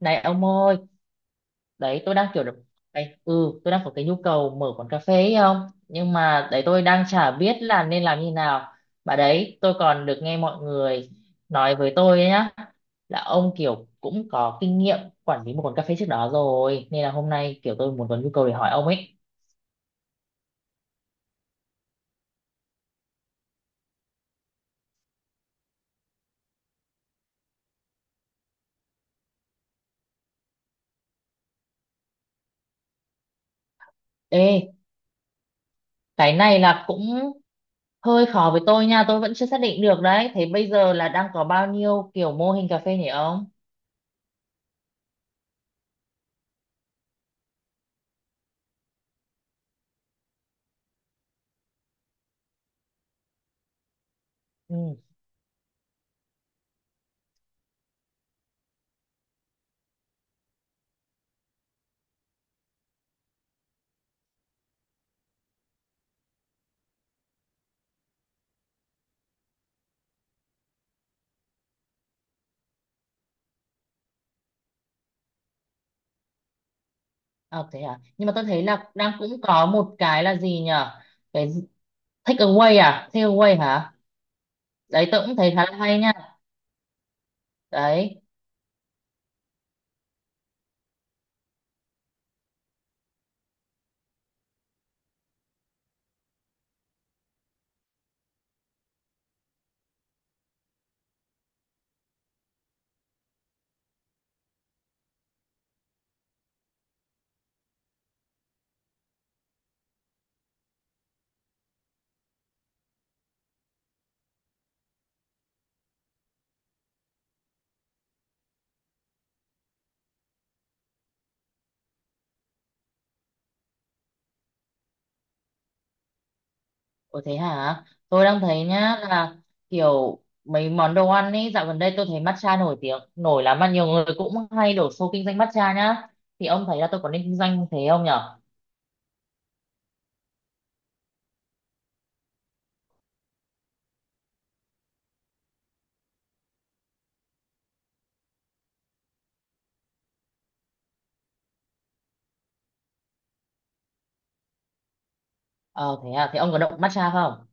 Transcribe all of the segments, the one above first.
Này ông ơi, đấy tôi đang kiểu được đấy, tôi đang có cái nhu cầu mở quán cà phê ấy không? Nhưng mà đấy tôi đang chả biết là nên làm như nào. Bà đấy, tôi còn được nghe mọi người nói với tôi ấy nhá, là ông kiểu cũng có kinh nghiệm quản lý một quán cà phê trước đó rồi, nên là hôm nay kiểu tôi muốn có nhu cầu để hỏi ông ấy. Ê, cái này là cũng hơi khó với tôi nha, tôi vẫn chưa xác định được đấy. Thế bây giờ là đang có bao nhiêu kiểu mô hình cà phê nhỉ ông? Ừ. Ờ, thế à? Nhưng mà tôi thấy là đang cũng có một cái là gì nhở? Cái gì- Take away à? Take away hả? Đấy tôi cũng thấy khá là hay nha. Đấy. Ủa thế hả? Tôi đang thấy nhá là kiểu mấy món đồ ăn ấy dạo gần đây tôi thấy matcha nổi tiếng nổi lắm, mà nhiều người cũng hay đổ xô kinh doanh matcha nhá. Thì ông thấy là tôi có nên kinh doanh thế không nhở? Ờ thế à? Thế ông có động matcha không?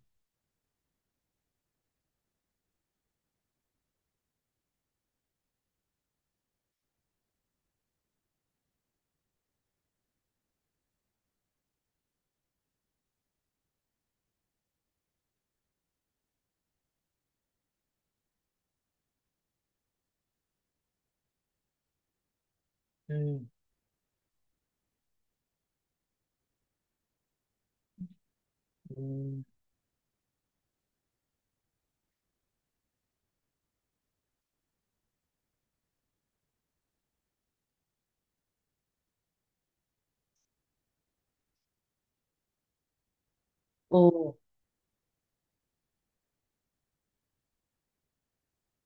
Ừ. Ừ. Ừ.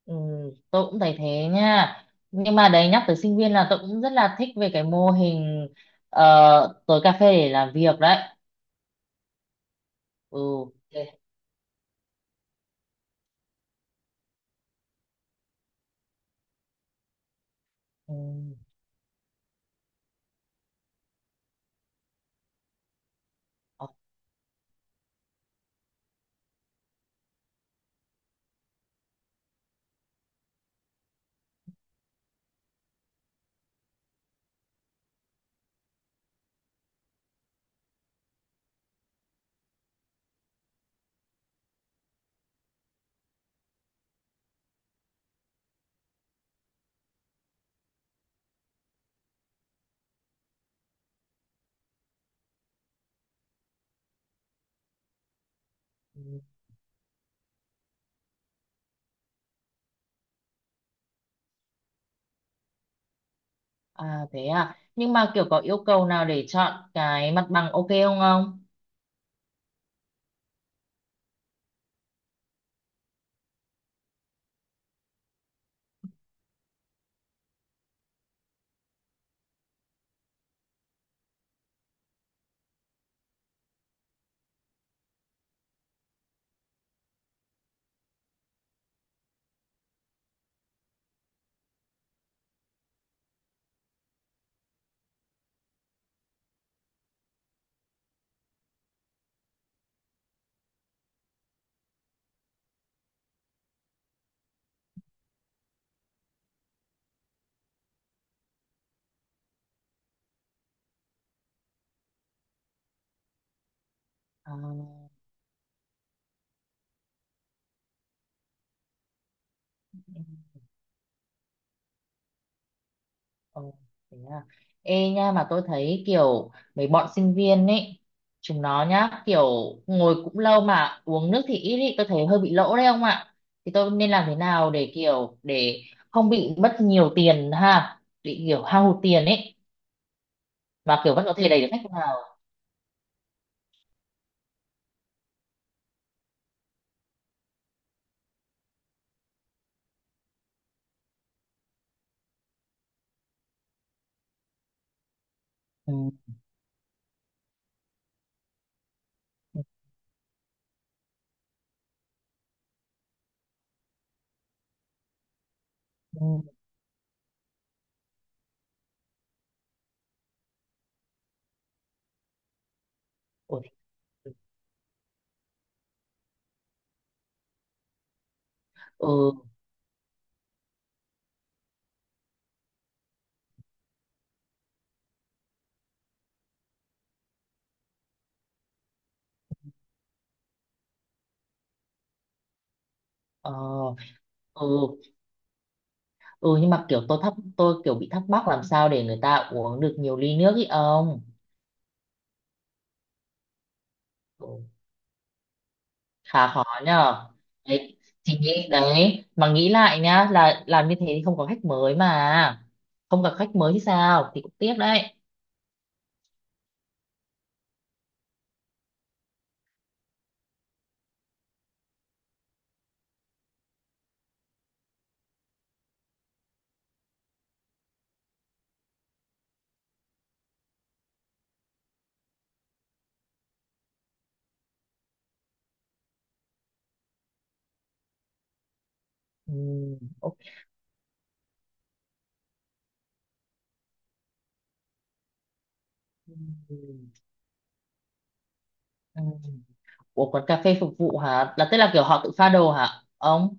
Ừ, tôi cũng thấy thế nha, nhưng mà đấy nhắc tới sinh viên là tôi cũng rất là thích về cái mô hình tối cà phê để làm việc đấy. Ừ. thế- ừ. Ờ. Ừ. À, thế à, nhưng mà kiểu có yêu cầu nào để chọn cái mặt bằng ok không ông? À. Ồ, thế à. Ê nha, mà tôi thấy kiểu mấy bọn sinh viên ấy chúng nó nhá, kiểu ngồi cũng lâu mà uống nước thì ít ý, tôi thấy hơi bị lỗ đấy ông ạ. Thì tôi nên làm thế nào để không bị mất nhiều tiền, ha bị kiểu hao hụt tiền ấy, mà kiểu vẫn có thể đẩy được khách vào? Ừ. Ừ. Ừ. Ủa. Ừ. Ờ. Ừ. Ừ, nhưng mà kiểu tôi kiểu bị thắc mắc làm sao để người ta uống được nhiều ly nước ý ông? Khá khó nhờ. Đấy. Thì nghĩ đấy mà nghĩ lại nhá, là làm như thế thì không có khách mới mà, không gặp khách mới thì sao thì cũng tiếc đấy. Ừ, ok. Ừ. Ừ. Ủa quán cà phê phục vụ hả, là tức là kiểu họ tự pha đồ hả ông?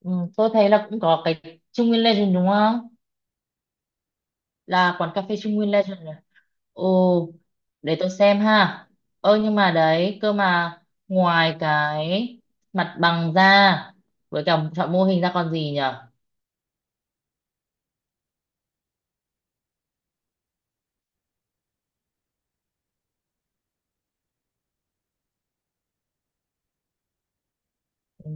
Ừ, tôi thấy là cũng có cái Trung Nguyên Legend đúng không, là quán cà phê Trung Nguyên Legend rồi. Ồ. Để tôi xem ha. Ơ nhưng mà đấy, cơ mà ngoài cái mặt bằng ra, với cả chọn mô hình ra còn gì nhở? Ừ.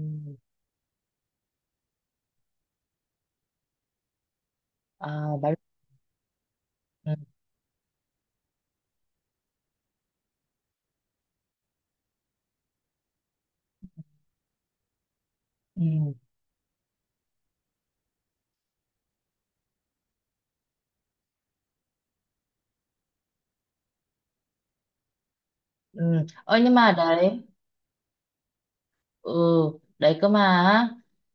À. bãi- ừ. Ừ. Ừ. Ơ nhưng mà đấy, ừ, đấy cơ mà á,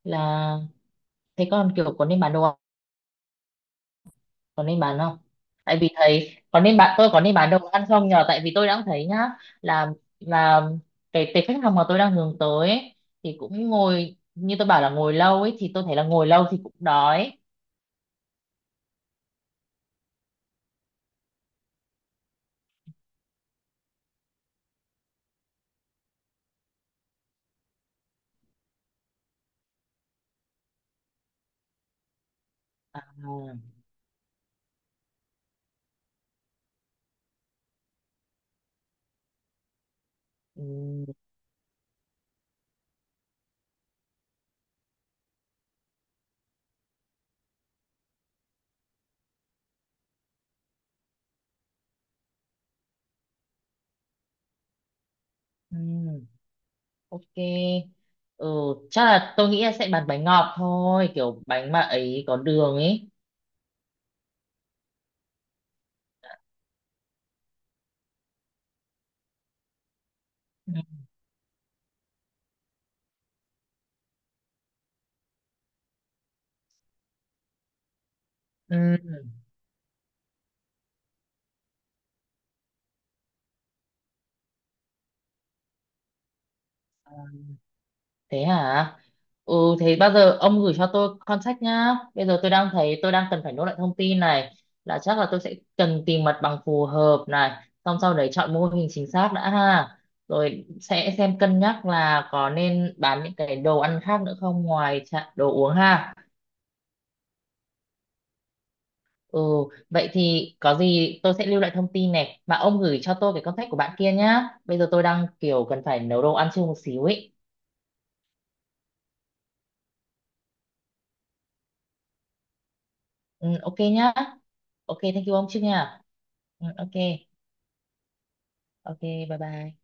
là thế còn kiểu có nên bán đồ, còn đi bán không, tại vì thầy còn đi bán, tôi còn đi bán đồ ăn không nhờ, tại vì tôi đang thấy nhá, là là cái khách hàng mà tôi đang hướng tới ấy, thì cũng ngồi như tôi bảo là ngồi lâu ấy, thì tôi thấy là ngồi lâu thì cũng đói. À. Ừ. Ừ. Ok. Ừ, chắc là tôi nghĩ là sẽ bán bánh ngọt thôi, kiểu bánh mà ấy có đường ấy. Ừ. Ừ. Thế hả? Ừ. Thế bao giờ ông gửi cho tôi contact nhá, bây giờ tôi đang thấy tôi đang cần phải nốt lại thông tin này, là chắc là tôi sẽ cần tìm mặt bằng phù hợp này, xong sau đấy chọn mô hình chính xác đã ha, rồi sẽ xem cân nhắc là có nên bán những cái đồ ăn khác nữa không, ngoài đồ uống ha. Ừ. Vậy thì có gì tôi sẽ lưu lại thông tin này, mà ông gửi cho tôi cái contact của bạn kia nhá, bây giờ tôi đang kiểu cần phải nấu đồ ăn chưa một xíu ấy. Ừ, ok nhá. Ok, thank you ông trước nha. Ừ, ok. Ok, bye bye.